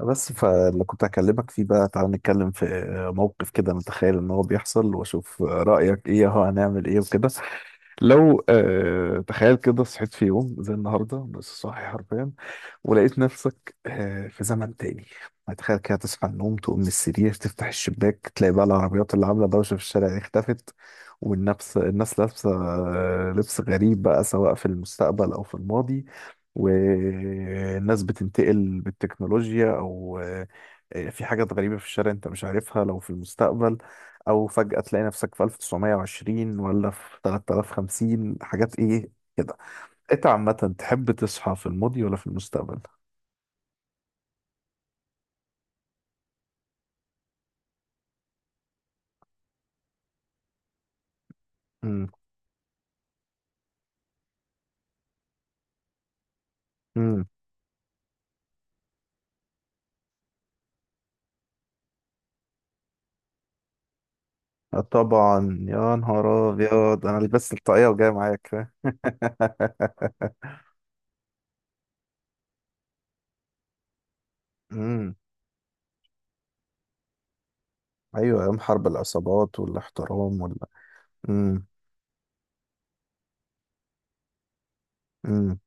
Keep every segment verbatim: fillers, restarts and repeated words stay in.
بس فاللي كنت هكلمك فيه بقى، تعال نتكلم في موقف كده. نتخيل ان هو بيحصل واشوف رأيك ايه، هو هنعمل ايه وكده. لو آه تخيل كده، صحيت في يوم زي النهارده، بس صاحي حرفيا، ولقيت نفسك آه في زمن تاني. تخيل كده تصحى من النوم، تقوم من السرير، تفتح الشباك، تلاقي بقى العربيات اللي عامله دوشه في الشارع دي اختفت، والنفس الناس لابسه آه لبس غريب بقى، سواء في المستقبل او في الماضي، والناس بتنتقل بالتكنولوجيا او آه، في حاجات غريبة في الشارع انت مش عارفها لو في المستقبل، او فجأة تلاقي نفسك في ألف وتسعمية وعشرين ولا في ثلاثة آلاف وخمسين. حاجات ايه كده. انت عامة تحب تصحى في الماضي ولا في المستقبل؟ امم. امم. طبعا يا نهار ابيض، انا لبست الطاقية وجاي معاك فاهم. امم. ايوه، ايام حرب العصابات والاحترام ولا. امم.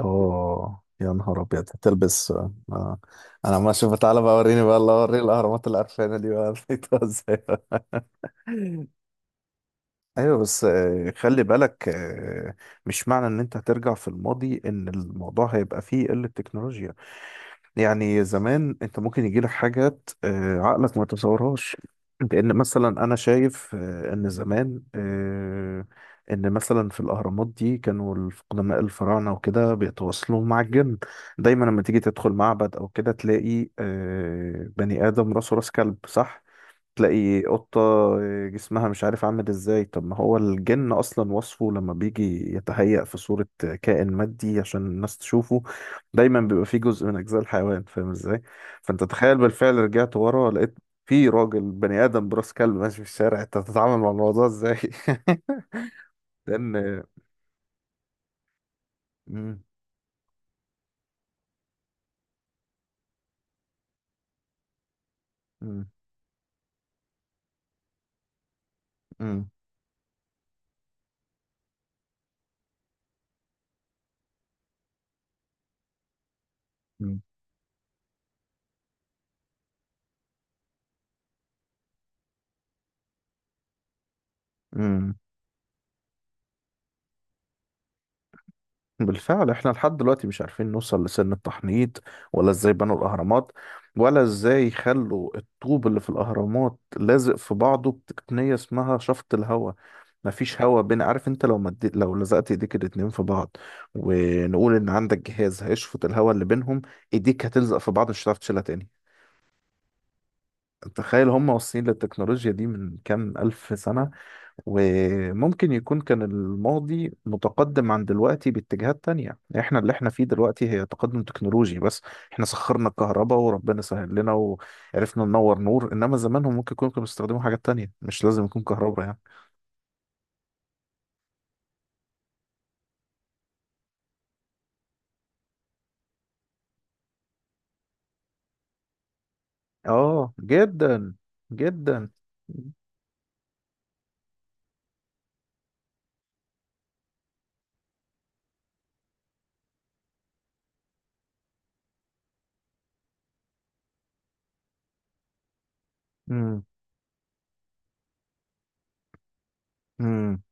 اوه يا نهار ابيض، هتلبس آه. انا عمال اشوف، تعالى بقى وريني بقى، الله اوريك الاهرامات القرفانه دي بقى لقيتها ازاي. بقى. ايوه بس آه، خلي بالك آه، مش معنى ان انت هترجع في الماضي ان الموضوع هيبقى فيه قله تكنولوجيا. يعني زمان انت ممكن يجي لك حاجات آه، عقلك ما يتصورهاش. لان مثلا انا شايف آه، ان زمان آه، ان مثلا في الاهرامات دي كانوا الف- قدماء الفراعنه وكده بيتواصلوا مع الجن. دايما لما تيجي تدخل معبد او كده، تلاقي آه، بني ادم راسه راس كلب، صح؟ تلاقي قطة جسمها مش عارف عامل ازاي. طب ما هو الجن اصلا وصفه لما بيجي يتهيأ في صورة كائن مادي عشان الناس تشوفه، دايما بيبقى فيه جزء من اجزاء الحيوان، فاهم ازاي؟ فانت تخيل بالفعل رجعت ورا، لقيت في راجل بني ادم براس كلب ماشي في الشارع، انت هتتعامل مع الموضوع ازاي؟ لان مم. مم. مم. مم. مم. بالفعل احنا لحد دلوقتي مش عارفين نوصل لسن التحنيط، ولا ازاي بنوا الاهرامات، ولا ازاي خلوا الطوب اللي في الاهرامات لازق في بعضه بتقنية اسمها شفط الهواء. مفيش هواء بين، عارف انت لو مدي... لو لزقت ايديك الاتنين في بعض، ونقول ان عندك جهاز هيشفط الهواء اللي بينهم، ايديك هتلزق في بعض مش هتعرف تشيلها تاني. تخيل هم واصلين للتكنولوجيا دي من كام ألف سنة. وممكن يكون كان الماضي متقدم عن دلوقتي باتجاهات تانية، احنا اللي احنا فيه دلوقتي هي تقدم تكنولوجي بس. احنا سخرنا الكهرباء وربنا سهل لنا وعرفنا ننور نور، انما زمانهم ممكن يكونوا كانوا بيستخدموا حاجات تانية، مش لازم يكون كهرباء يعني. اه جدا. جدا. امم. امم.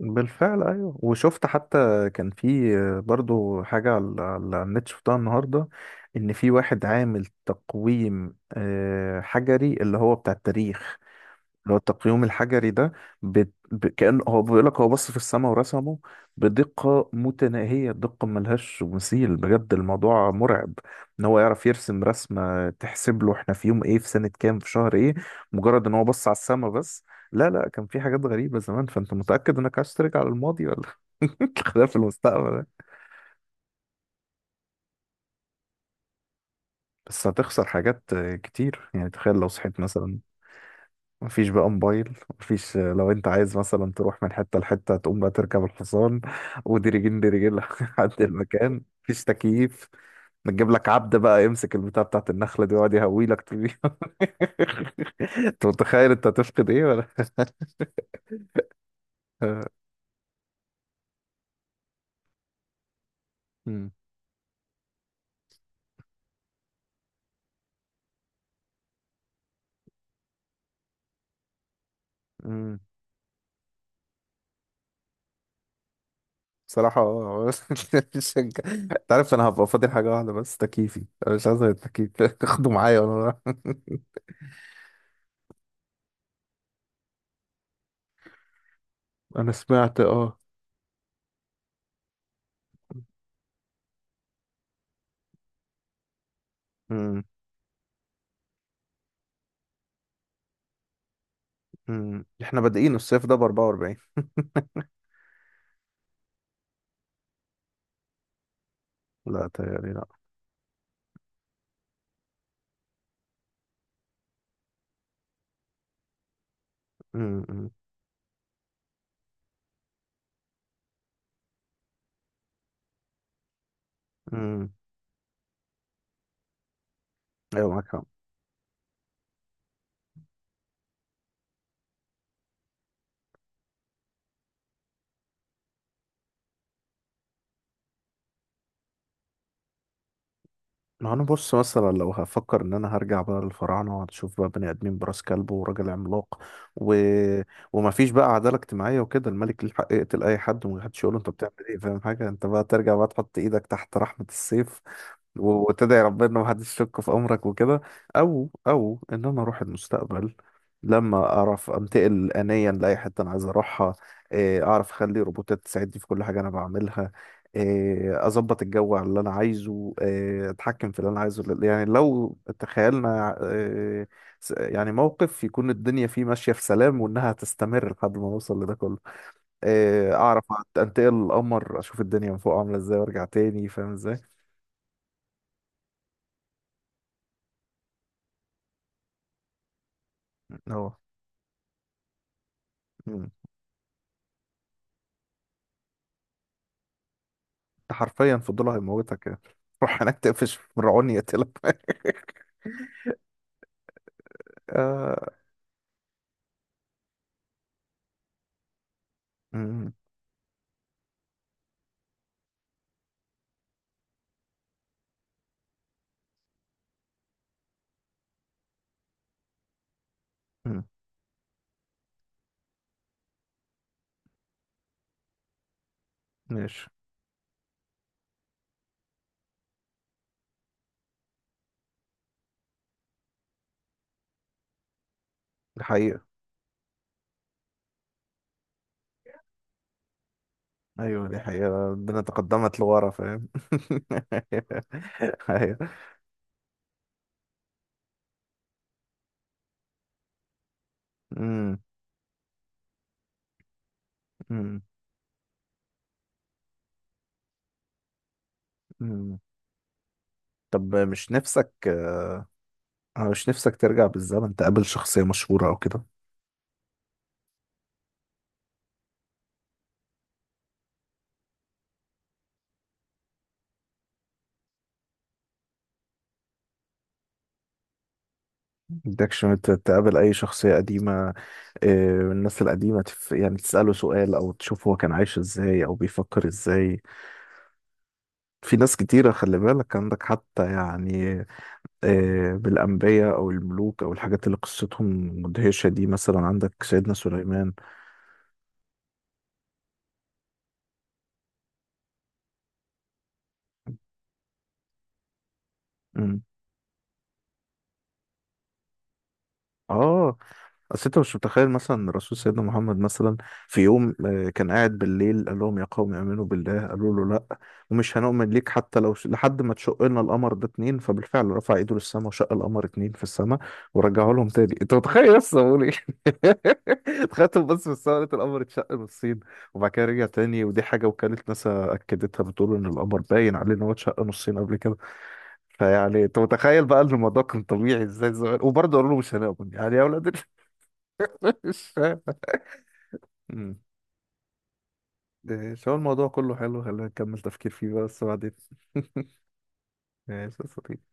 بالفعل، ايوه، وشفت حتى كان في برضو حاجة على على النت شفتها النهاردة، ان في واحد عامل تقويم آه، حجري، اللي هو بتاع التاريخ، اللي هو التقييم الحجري ده، بت... ب... كأن هو بيقول لك، هو بص في السماء ورسمه بدقة متناهية، دقة ملهاش مثيل، بجد الموضوع مرعب، ان هو يعرف يرسم رسمة تحسب له احنا في يوم ايه في سنة كام في شهر ايه، مجرد ان هو بص على السماء بس. لا لا، كان في حاجات غريبة زمان. فانت متأكد انك عايز ترجع للماضي ولا خلاف في المستقبل ده؟ بس هتخسر حاجات كتير يعني. تخيل لو صحيت مثلا مفيش بقى موبايل، مفيش آه، لو انت عايز مثلا تروح من حتة لحتة تقوم بقى تركب الحصان، وديرجين ديرجين لحد المكان، مفيش تكييف، نجيب لك عبد بقى يمسك البتاع بتاعت النخلة دي ويقعد يهوي لك طول اليوم. انت متخيل انت هتفقد ايه ولا؟ مم. مم. بصراحة اه. مش هنك- انت عارف انا هبقى فاضل حاجة واحدة بس، تكييفي، انا مش عايز غير التكييف، اخده معايا وانا رايح. انا سمعت اه. مم. مم. احنا بادئين الصيف ده ب اربعة واربعين. لا، تهيألي لا. امم. امم. امم. ايوه معاك حق. ما انا بص مثلا لو هفكر ان انا هرجع بقى للفراعنه، وهتشوف بقى بني ادمين براس كلب وراجل عملاق و... وما فيش بقى عداله اجتماعيه وكده، الملك ليه حق يقتل اي حد ومحدش يقول له انت بتعمل ايه، فاهم حاجه؟ انت بقى ترجع بقى تحط ايدك تحت رحمه السيف، و- وتدعي ربنا ما حدش يشك في امرك وكده. او او ان انا اروح المستقبل، لما اعرف انتقل انيا لاي حته انا عايز اروحها، إيه، اعرف اخلي روبوتات تساعدني في كل حاجه انا بعملها، إيه، اظبط الجو على اللي انا عايزه، إيه، اتحكم في اللي انا عايزه. يعني لو تخيلنا إيه، س- يعني موقف يكون الدنيا فيه ماشية في سلام وانها هتستمر لحد ما نوصل لده كله، إيه، اعرف أت- انتقل القمر اشوف الدنيا من فوق عاملة ازاي وارجع تاني، فاهم ازاي؟ هو مم. انت حرفيا في الضلع هيموتك يعني. روح هناك تقفش من رعون يقتلك. آه. مم. مم. ماشي. دي حقيقة. ايوه دي حقيقة، ربنا تقدمت لورا فاهم. ايوه. أمم. أمم. أمم. طب مش نفسك آه، مش نفسك ترجع بالزمن تقابل شخصية مشهورة او كده؟ بدكش ت- تقابل اي شخصية قديمة آه، من الناس القديمة تف... يعني تسأله سؤال او تشوف هو كان عايش ازاي او بيفكر ازاي؟ في ناس كتيرة خلي بالك عندك حتى يعني آه، بالأنبياء او الملوك او الحاجات اللي قصتهم مدهشة، دي مثلا عندك سيدنا سليمان. مم. اه، اصل انت مش متخيل مثلا الرسول سيدنا محمد مثلا، في يوم آه، كان قاعد بالليل، قال لهم يا قوم امنوا بالله، قالوا له لا ومش هنؤمن ليك حتى لو ش- لحد ما تشق لنا القمر ده اتنين. فبالفعل رفع ايده للسماء وشق القمر اتنين في السماء ورجعه لهم تاني. انت متخيل؟ بس بقول ايه، تخيلتهم بس في السماء لقيت القمر اتشق نصين، وبعد كده رجع تاني. ودي حاجه وكاله ناسا اكدتها، بتقول ان القمر باين عليه ان هو اتشق نصين قبل كده. فيعني انت متخيل بقى ان الموضوع كان طبيعي ازاي زمان، وبرضه قالوا له مش هنؤمن، يعني يا اولاد ال- مش فاهم. مم. إيه، شو الموضوع كله حلو، خلينا نكمل تفكير فيه بقى بس بعدين. ماشي يا صديقي.